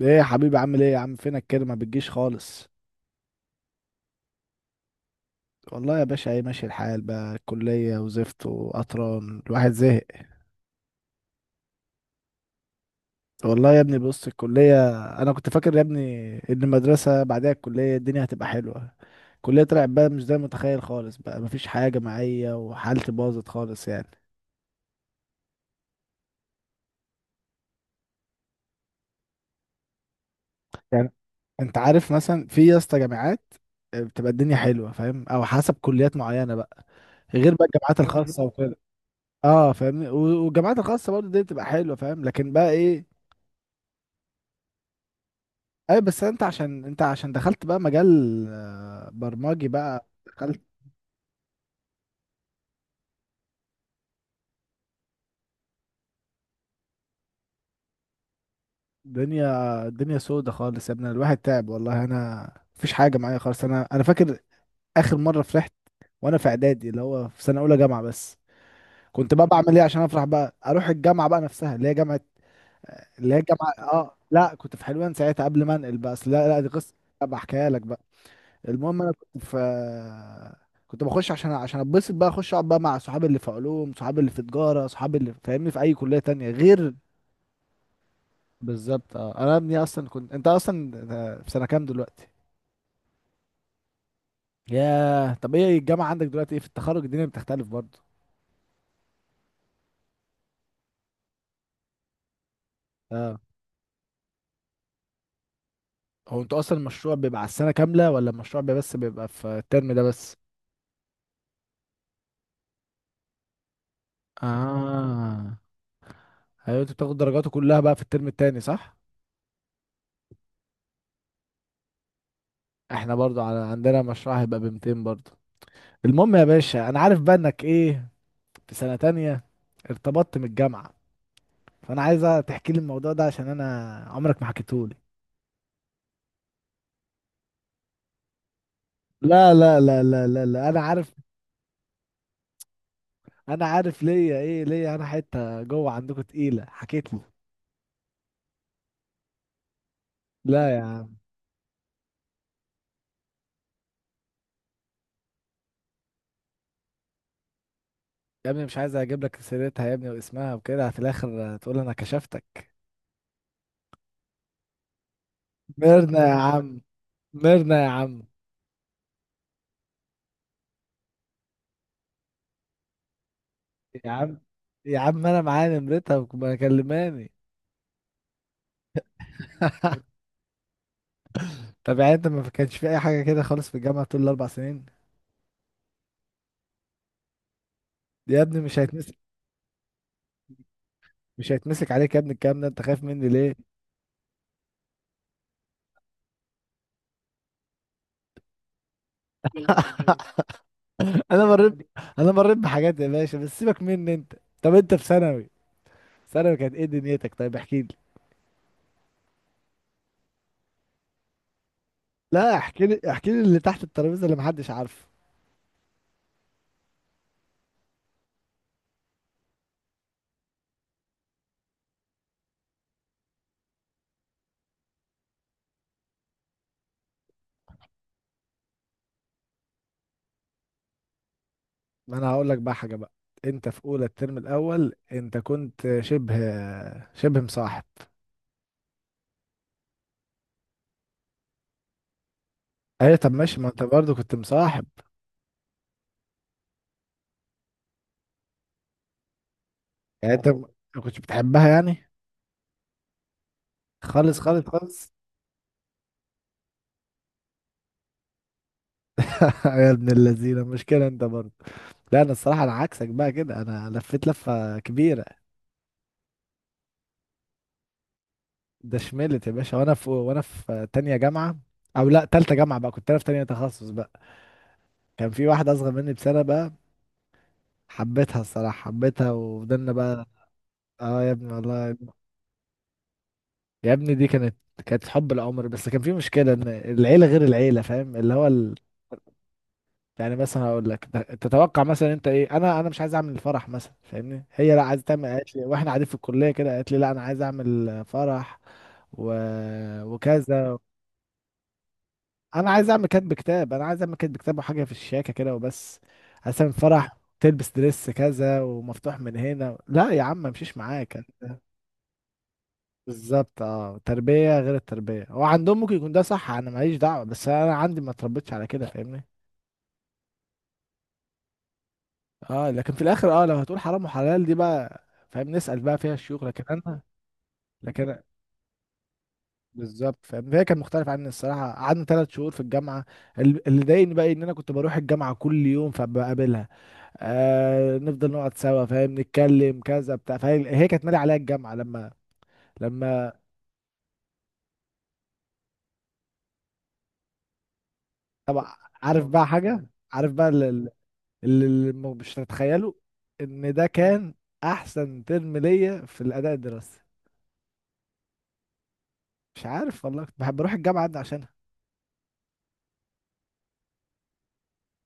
ايه يا حبيبي، عامل ايه يا عم؟ فينك كده، ما بتجيش خالص؟ والله يا باشا، ايه، ماشي الحال بقى، كلية وزفت وقطران، الواحد زهق. والله يا ابني بص، الكلية. انا كنت فاكر يا ابني ان المدرسة بعدها الكلية الدنيا هتبقى حلوة. الكلية طلعت بقى مش زي ما متخيل خالص، بقى مفيش حاجة جماعية وحالتي باظت خالص يعني. يعني انت عارف مثلا، في يا اسطى جامعات، بتبقى الدنيا حلوة فاهم، او حسب كليات معينة بقى، غير بقى الجامعات الخاصة وكده. اه فاهمني، والجامعات الخاصه برضه دي بتبقى حلوه فاهم، لكن بقى ايه. اي بس انت عشان دخلت بقى مجال، برمجي بقى دخلت. دنيا الدنيا سودة خالص يا ابني، الواحد تعب والله. انا مفيش حاجه معايا خالص، انا فاكر اخر مره فرحت وانا في اعدادي، اللي هو في سنه اولى جامعه بس. كنت بقى بعمل ايه عشان افرح؟ بقى اروح الجامعه بقى نفسها اللي هي جامعه، اللي هي الجامعه. اه لا كنت في حلوان ساعتها قبل ما انقل بقى، أصل لا لا دي قصه بحكيها لك بقى. المهم انا كنت بخش عشان اتبسط بقى، اخش اقعد بقى مع صحابي اللي في علوم، صحابي اللي في تجاره، صحابي اللي فاهمني في اي كليه تانية غير. بالظبط اه، انا ابني اصلا كنت، انت اصلا في سنه كام دلوقتي؟ ياه، طب ايه الجامعه عندك دلوقتي؟ ايه في التخرج الدنيا بتختلف برضه؟ اه، هو انتوا اصلا المشروع بيبقى على السنه كامله، ولا المشروع بيبقى بيبقى في الترم ده بس؟ اه ايوه، انتوا بتاخدوا درجاته كلها بقى في الترم التاني صح؟ احنا برضو على عندنا مشروع هيبقى ب 200 برضو. المهم يا باشا، انا عارف بقى انك ايه، في سنة تانية ارتبطت من الجامعة، فأنا عايزة تحكي لي الموضوع ده عشان أنا عمرك ما حكيتهولي. لا لا لا لا لا لا، أنا عارف. أنا عارف ليا إيه، ليا أنا حتة جوه عندكم تقيلة حكيت لي. لا يا عم، يا ابني مش عايز أجيب لك سيرتها يا ابني واسمها وكده، في الآخر تقول أنا كشفتك. ميرنا يا عم، ميرنا يا عم. يا عم، يا عم، أنا معايا نمرتها ما كلماني. طب يعني أنت ما كانش في أي حاجة كده خالص في الجامعة طول الأربع سنين؟ دي يا ابني مش هيتنسي، مش هيتمسك عليك يا ابني الكلام ده، انت خايف مني ليه؟ انا مريت انا مريت بحاجات يا باشا، بس سيبك مني انت. طب انت في ثانوي، ثانوي كانت ايه دنيتك؟ طيب احكي لي. لا احكي لي، احكي لي اللي تحت الترابيزه اللي محدش عارفه. ما انا هقول لك بقى حاجه بقى، انت في اولى الترم الاول انت كنت شبه مصاحب. ايوه طب ماشي، ما انت برضه كنت مصاحب. يعني انت ما كنتش بتحبها يعني؟ خالص خالص خالص. يا ابن اللذينه، مشكله انت برضه. لا انا الصراحه انا عكسك بقى كده، انا لفيت لفه كبيره. ده شملت يا باشا، وانا في تانية جامعة، او لا تالتة جامعة بقى، كنت انا في تانية تخصص بقى. كان في واحدة اصغر مني بسنة بقى، حبيتها الصراحة حبيتها، وفضلنا بقى. اه يا ابني والله. يا ابني دي كانت حب العمر، بس كان في مشكلة ان العيلة غير العيلة فاهم، اللي هو ال... يعني مثلا هقول لك، تتوقع مثلا انت ايه؟ انا مش عايز اعمل الفرح مثلا فاهمني، هي لا عايزه تعمل، قالت لي واحنا قاعدين في الكلية كده قالت لي لا انا عايز اعمل فرح و... وكذا. انا عايز اعمل كاتب كتاب وحاجه في الشياكه كده وبس، عشان فرح تلبس دريس كذا ومفتوح من هنا، لا يا عم ما امشيش معاك. بالظبط اه، تربيه غير التربيه، هو عندهم ممكن يكون ده صح انا ماليش دعوه، بس انا عندي ما اتربيتش على كده فاهمني. اه لكن في الاخر، اه لو هتقول حرام وحلال دي بقى فاهم نسال بقى فيها الشيوخ، لكن انا، لكن بالظبط فاهم. فهي كان مختلف عني الصراحه، قعدنا 3 شهور في الجامعه. اللي ضايقني بقى ان انا كنت بروح الجامعه كل يوم فبقابلها، آه نفضل نقعد سوا فاهم نتكلم كذا بتاع. فهي كانت مالي عليا الجامعه لما، لما طبعا. عارف بقى حاجه، عارف بقى اللي، اللي مش هتتخيله، ان ده كان احسن ترم ليا في الاداء الدراسي. مش عارف والله، كنت بحب بروح الجامعه عشان،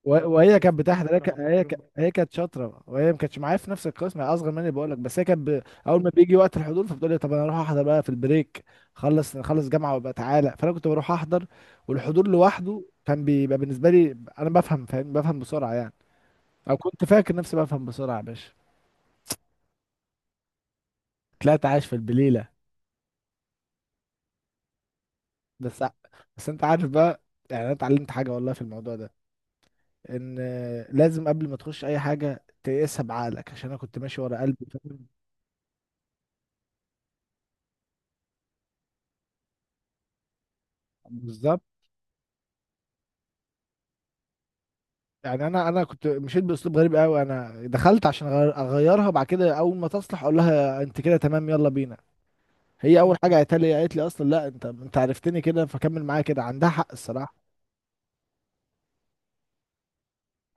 وهي كانت بتحضر، هي شاطرة، برضه هي كانت شاطره، وهي ما كانتش معايا في نفس القسم، هي اصغر مني بقول لك. بس هي كانت اول ما بيجي وقت الحضور فبتقول لي طب انا اروح احضر بقى في البريك، خلص نخلص جامعه وابقى تعالى. فانا كنت بروح احضر، والحضور لوحده كان بيبقى بالنسبه لي، انا بفهم فاهم بفهم بسرعه يعني، او كنت فاكر نفسي بفهم بسرعه يا باشا. طلعت عايش في البليله. بس ع- بس انت عارف بقى، يعني انا اتعلمت حاجه والله في الموضوع ده، ان لازم قبل ما تخش اي حاجه تقيسها بعقلك، عشان انا كنت ماشي ورا قلبي فاهم. بالظبط. يعني انا كنت مشيت باسلوب غريب قوي، انا دخلت عشان أغير اغيرها، بعد كده اول ما تصلح اقول لها انت كده تمام يلا بينا. هي اول حاجه قالت لي، اصلا لا انت عرفتني كده فكمل معايا كده، عندها حق الصراحه.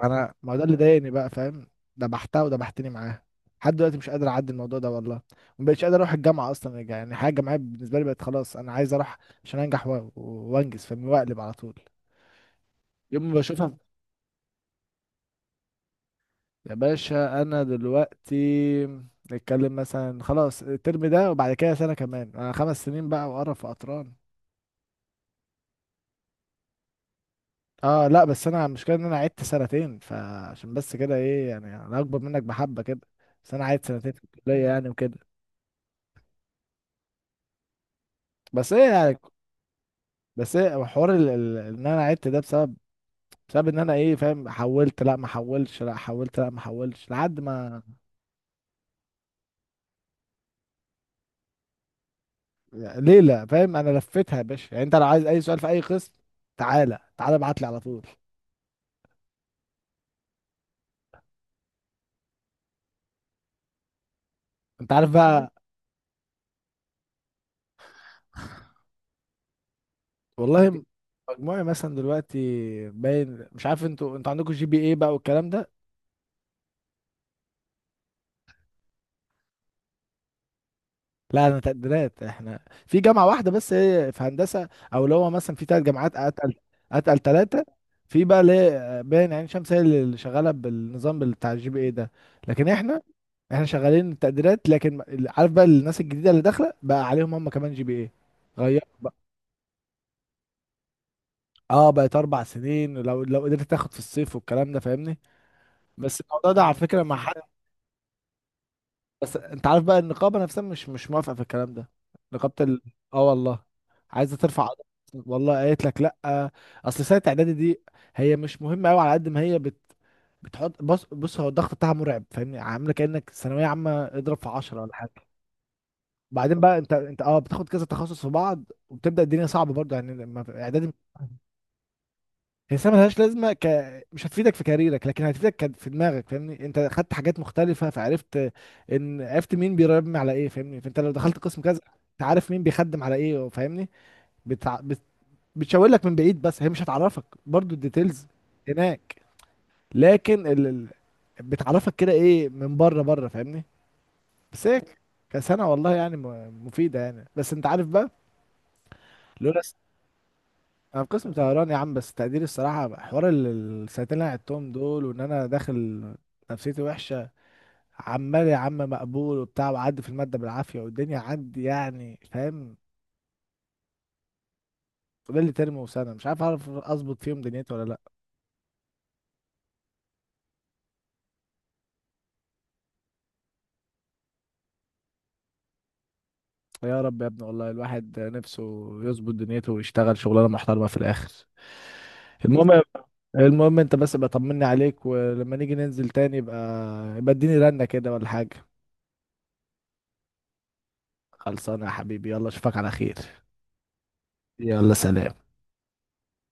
انا ما هو ده اللي ضايقني بقى فاهم، دبحتها ودبحتني معاها. لحد دلوقتي مش قادر اعدي الموضوع ده والله، ما بقتش قادر اروح الجامعه اصلا، يعني حاجه الجامعيه بالنسبه لي بقت خلاص، انا عايز اروح عشان انجح وانجز فاهمني واقلب على طول يوم ما بشوفها. يا باشا انا دلوقتي نتكلم مثلا خلاص الترم ده وبعد كده سنه كمان، انا 5 سنين بقى وقرف وقطران. اه لا بس انا المشكله ان انا عدت سنتين، فعشان بس كده ايه يعني انا اكبر منك بحبه كده، بس انا عدت سنتين في الكليه يعني وكده. بس ايه يعني، بس ايه حوار ان انا عدت ده بسبب ان انا ايه فاهم، حولت لا ما حولتش، لا حولت لا ما حولتش لحد ما ليله فاهم. انا لفيتها يا باشا، يعني انت لو عايز اي سؤال في اي قسم تعالى، تعالى ابعت لي على طول. انت عارف بقى، والله مجموعي مثلا دلوقتي باين، مش عارف انتوا عندكم جي بي ايه بقى والكلام ده. لا انا تقديرات، احنا في جامعه واحده بس هي في هندسه، او اللي هو مثلا في 3 جامعات اتقل، ثلاثه. في بقى ليه باين، عين شمس هي اللي شغاله بالنظام بتاع الجي بي ايه ده، لكن احنا، شغالين التقديرات. لكن عارف بقى الناس الجديده اللي داخله بقى عليهم هم كمان جي بي ايه، غيروا بقى. اه بقت 4 سنين، لو قدرت تاخد في الصيف والكلام ده فاهمني، بس الموضوع ده على فكره مع حد. بس انت عارف بقى النقابه نفسها مش موافقه في الكلام ده، نقابه ال... اه والله عايزه ترفع قضية. والله قالت لك لا. اصل سنه اعدادي دي هي مش مهمه قوي، على قد ما هي بتحط. بص بص، هو الضغط بتاعها مرعب فاهمني، عامله كانك ثانويه عامه اضرب في 10 ولا حاجه. وبعدين بقى انت اه بتاخد كذا تخصص في بعض، وبتبدا الدنيا صعبه برضه يعني لما- اعدادي. هي ملهاش لازمه ك... مش هتفيدك في كاريرك لكن هتفيدك في دماغك فاهمني، انت خدت حاجات مختلفه فعرفت ان عرفت مين بيرمي على ايه فاهمني، فانت لو دخلت قسم كذا انت عارف مين بيخدم على ايه فاهمني. بتع... بت... بتشاور لك من بعيد، بس هي مش هتعرفك برضو الديتيلز هناك، لكن بتعرفك كده ايه من بره بره فاهمني، بس هيك كسنه والله يعني مفيده يعني، بس انت عارف بقى. لولا. انا في قسم طيران يا عم، بس تقديري الصراحه حوار ال- السنتين اللي انا قعدتهم دول، وان انا داخل نفسيتي وحشه، عمال يا عم مقبول وبتاع وعدي في الماده بالعافيه والدنيا عندي يعني فاهم. فاضل لي ترم وسنه، مش عارف اعرف اظبط فيهم دنيتي ولا لا. يا رب يا ابني والله، الواحد نفسه يظبط دنيته ويشتغل شغلانه محترمه في الاخر. المهم، المهم انت بس ابقى طمني عليك، ولما نيجي ننزل تاني يبقى اديني رنه كده ولا حاجه. خلصانه يا حبيبي، يلا اشوفك على خير. يلا سلام.